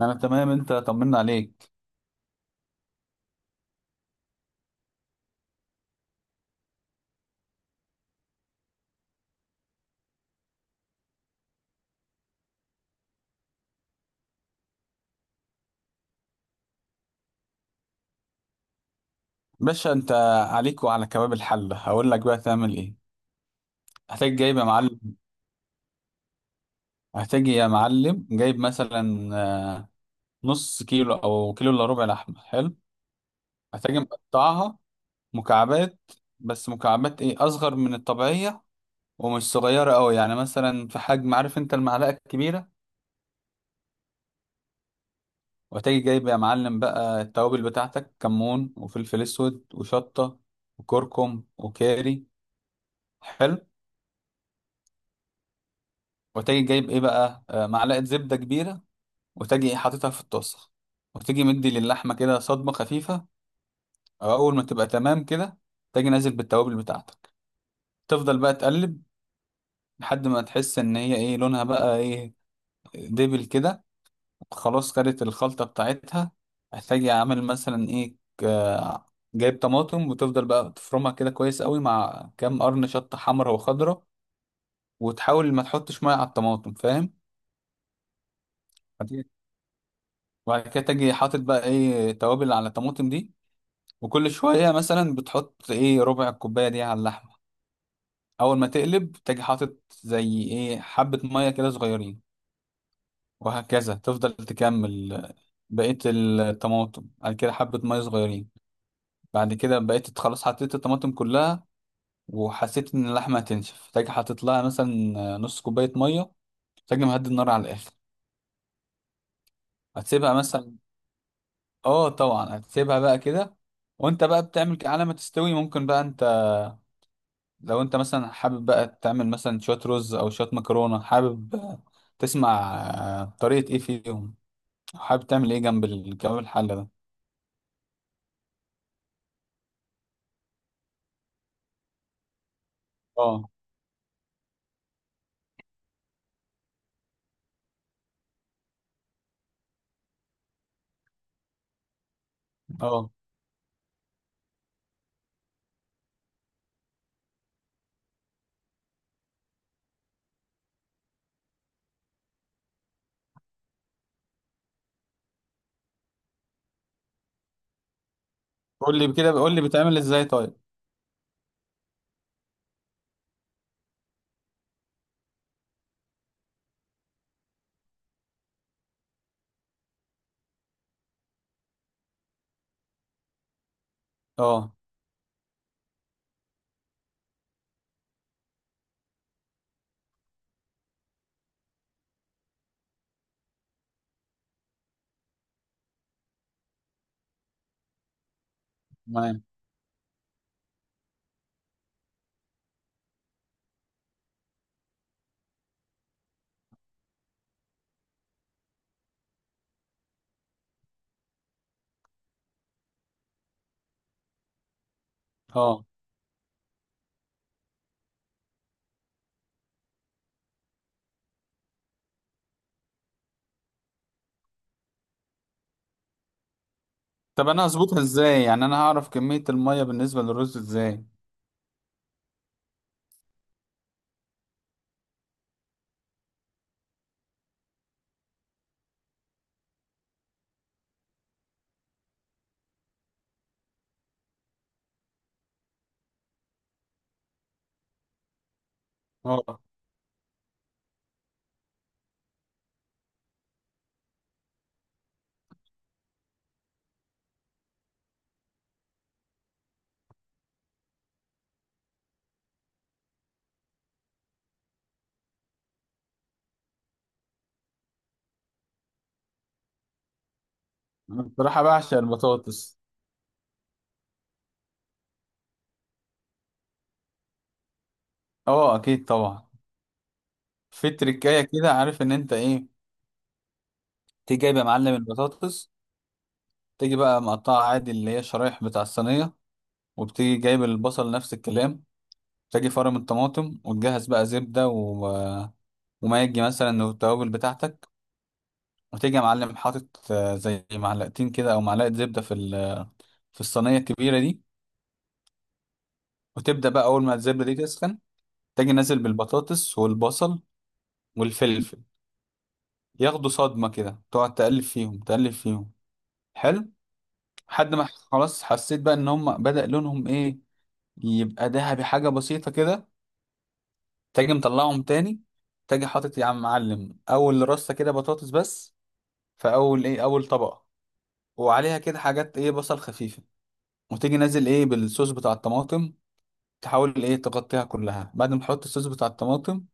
انا تمام، انت طمنا عليك. باشا انت، عليك وعلى كباب الحلة هقول لك بقى تعمل ايه. هتحتاج جايب يا معلم هتحتاج يا معلم جايب مثلا نص كيلو او كيلو الا ربع لحمة. حلو. هتحتاج مقطعها مكعبات، بس مكعبات ايه اصغر من الطبيعية، ومش صغيرة قوي، يعني مثلا في حجم عارف انت المعلقة الكبيرة. وهتجي جايب يا معلم بقى التوابل بتاعتك: كمون وفلفل اسود وشطة وكركم وكاري. حلو. وتجي جايب ايه بقى معلقه زبده كبيره. وتجي ايه حاططها في الطاسه، وتجي مدي للحمه كده صدمه خفيفه. او اول ما تبقى تمام كده تجي نازل بالتوابل بتاعتك. تفضل بقى تقلب لحد ما تحس ان هي ايه لونها بقى ايه، دبل كده. خلاص، خدت الخلطه بتاعتها. هتجي عامل مثلا ايه جايب طماطم، وتفضل بقى تفرمها كده كويس قوي مع كام قرن شطه حمرا وخضرا. وتحاول ما تحطش ميه على الطماطم، فاهم. وبعد كده تجي حاطط بقى ايه توابل على الطماطم دي. وكل شوية مثلا بتحط ايه ربع الكوباية دي على اللحمة. أول ما تقلب تجي حاطط زي ايه حبة مية كده صغيرين، وهكذا تفضل تكمل. بقية الطماطم بعد كده حبة مية صغيرين، بعد كده بقيت خلاص حطيت الطماطم كلها. وحسيت إن اللحمة هتنشف تجي حاطط لها مثلا نص كوباية مية. تجي مهدي النار على الآخر. هتسيبها مثلا، اه طبعا هتسيبها بقى كده وانت بقى بتعمل على ما تستوي. ممكن بقى انت لو انت مثلا حابب بقى تعمل مثلا شوية رز او شوية مكرونة حابب تسمع طريقة ايه فيهم. حابب تعمل ايه جنب الكباب الحلة ده. اه. اه، قول لي كده، قول لي بتعمل ازاي طيب. اه. تمام. اه. طب انا هظبطها ازاي؟ يعني انا هعرف كمية المية بالنسبة للرز ازاي. اه. أنا بصراحة بعشق البطاطس. اه، اكيد طبعا. في تريكاية كده، عارف ان انت ايه. تيجي جايب يا معلم البطاطس، تيجي بقى مقطعها عادي اللي هي شرايح بتاع الصينية. وبتيجي جايب البصل نفس الكلام. تجي فرم الطماطم وتجهز بقى زبدة وماجي مثلا والتوابل بتاعتك. وتيجي يا معلم حاطط زي معلقتين كده أو معلقة زبدة في الصينية الكبيرة دي. وتبدأ بقى أول ما الزبدة دي تسخن تجي نازل بالبطاطس والبصل والفلفل. ياخدوا صدمة كده، تقعد تقلب فيهم تقلب فيهم. حلو. لحد ما خلاص حسيت بقى إن هم بدأ لونهم إيه، يبقى دهبي حاجة بسيطة كده. تاجي مطلعهم تاني. تاجي حاطط يا عم معلم اول رصه كده بطاطس بس، في اول ايه اول طبقه. وعليها كده حاجات ايه بصل خفيفه. وتيجي نازل ايه بالصوص بتاع الطماطم. تحاول ايه تغطيها كلها. بعد ما تحط الصوص بتاع الطماطم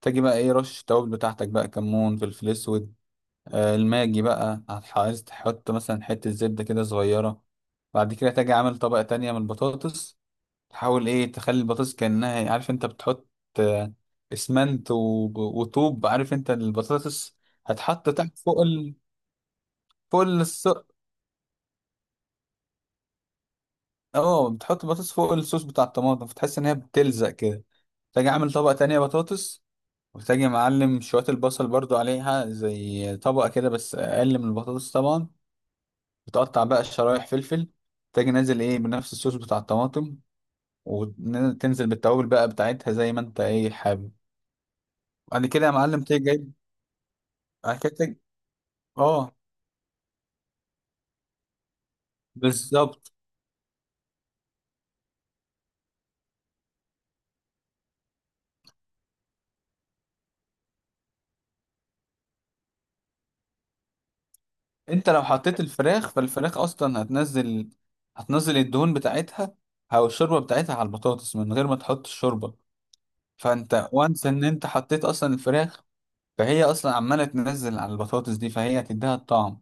تاجي بقى ايه رش التوابل بتاعتك بقى: كمون، فلفل اسود. آه، الماجي بقى عايز تحط مثلا حته زبده كده صغيره. بعد كده تاجي عامل طبقه تانية من البطاطس. تحاول ايه تخلي البطاطس كأنها إيه، عارف انت بتحط آه، اسمنت وطوب، عارف انت البطاطس. هتحط تحت فوق فوق الص... اه، بتحط البطاطس فوق الصوص بتاع الطماطم فتحس ان هي بتلزق كده. تاجي عامل طبقة تانية بطاطس. وتاجي معلم شوية البصل برضو عليها زي طبقة كده، بس اقل من البطاطس طبعا. بتقطع بقى شرايح فلفل. تاجي نازل ايه بنفس الصوص بتاع الطماطم. وتنزل بالتوابل بقى بتاعتها زي ما انت ايه حابب. بعد كده يا معلم تيجي جايب حكايتك. اه، بالظبط. انت لو حطيت الفراخ فالفراخ اصلا هتنزل، هتنزل الدهون بتاعتها او الشوربه بتاعتها على البطاطس من غير ما تحط الشوربه. فانت وانس ان انت حطيت اصلا الفراخ، فهي اصلا عماله تنزل على البطاطس دي فهي هتديها الطعم.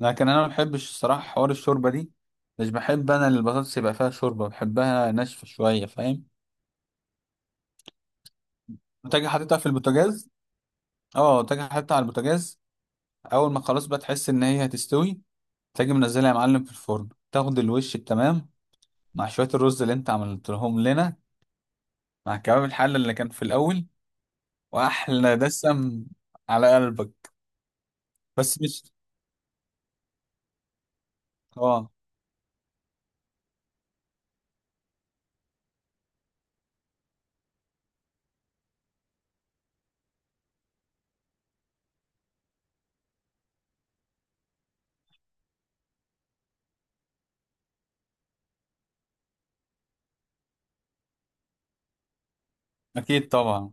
لكن انا ما بحبش الصراحه حوار الشوربه دي، مش بحب انا البطاطس يبقى فيها شوربه، بحبها ناشفه شويه، فاهم. وتجي حاططها في البوتاجاز. اه، تجي حاططها على البوتاجاز. اول ما خلاص بقى تحس ان هي هتستوي تيجي منزلها يا معلم في الفرن تاخد الوش التمام مع شوية الرز اللي انت عملتهم لنا مع كباب الحلة اللي كان في الأول. وأحلى دسم على قلبك. بس مش. اه. أكيد طبعا.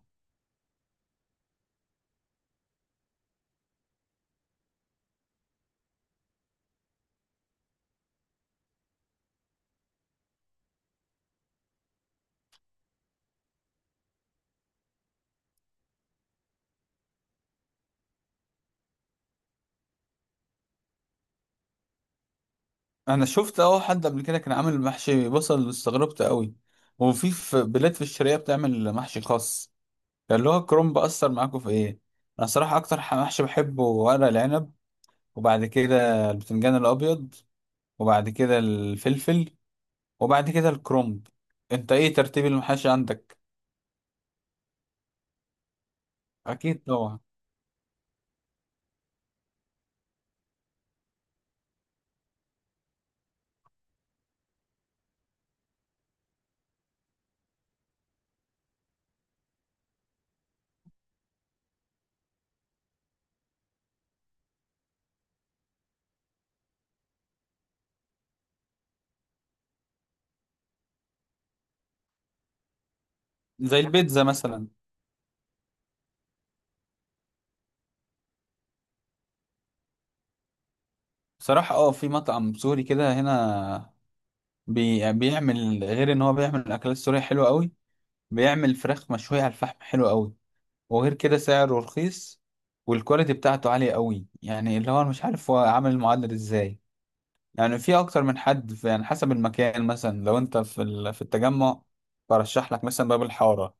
أنا شفت أهو حد قبل كده كان عامل محشي بصل، استغربت قوي. وفي بلاد في الشرقية بتعمل محشي خاص اللي هو الكرنب. أثر معاكم في إيه؟ أنا صراحة أكتر محشي بحبه ورق العنب، وبعد كده البتنجان الأبيض، وبعد كده الفلفل، وبعد كده الكرومب. انت ايه ترتيب المحاشي عندك؟ اكيد طبعا. زي البيتزا مثلا. بصراحة اه، في مطعم سوري كده هنا بيعمل، غير ان هو بيعمل اكلات سورية حلوة قوي، بيعمل فراخ مشوية على الفحم حلوة قوي. وغير كده سعره رخيص والكواليتي بتاعته عالية قوي. يعني اللي هو أنا مش عارف هو عامل المعادلة دي ازاي. يعني في اكتر من حد، في يعني حسب المكان مثلا. لو انت في التجمع، برشح لك مثلا باب الحاره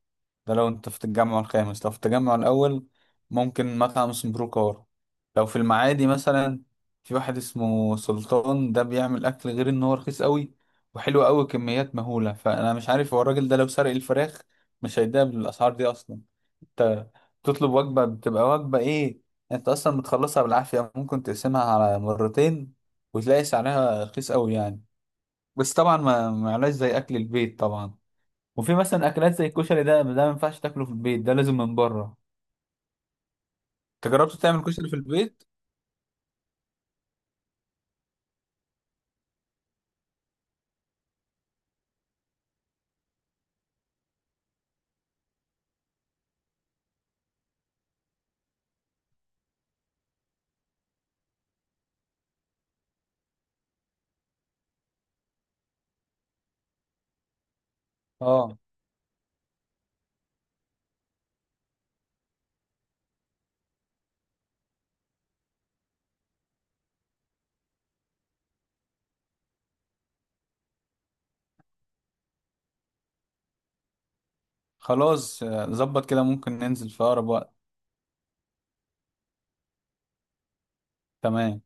ده لو انت في التجمع الخامس. لو في التجمع الاول، ممكن مطعم اسمه بروكار. لو في المعادي مثلا، في واحد اسمه سلطان. ده بيعمل اكل غير ان هو رخيص قوي وحلو قوي، كميات مهوله. فانا مش عارف هو الراجل ده لو سرق الفراخ مش هيديها بالاسعار دي اصلا. انت تطلب وجبة بتبقى وجبة ايه، انت اصلا بتخلصها بالعافية، ممكن تقسمها على مرتين، وتلاقي سعرها رخيص قوي يعني. بس طبعا ما معلاش زي اكل البيت طبعا. وفي مثلا اكلات زي الكشري، ده ما ينفعش تاكله في البيت، ده لازم من بره. انت جربت تعمل كشري في البيت؟ اه، خلاص ظبط كده، ممكن ننزل في اقرب وقت. تمام.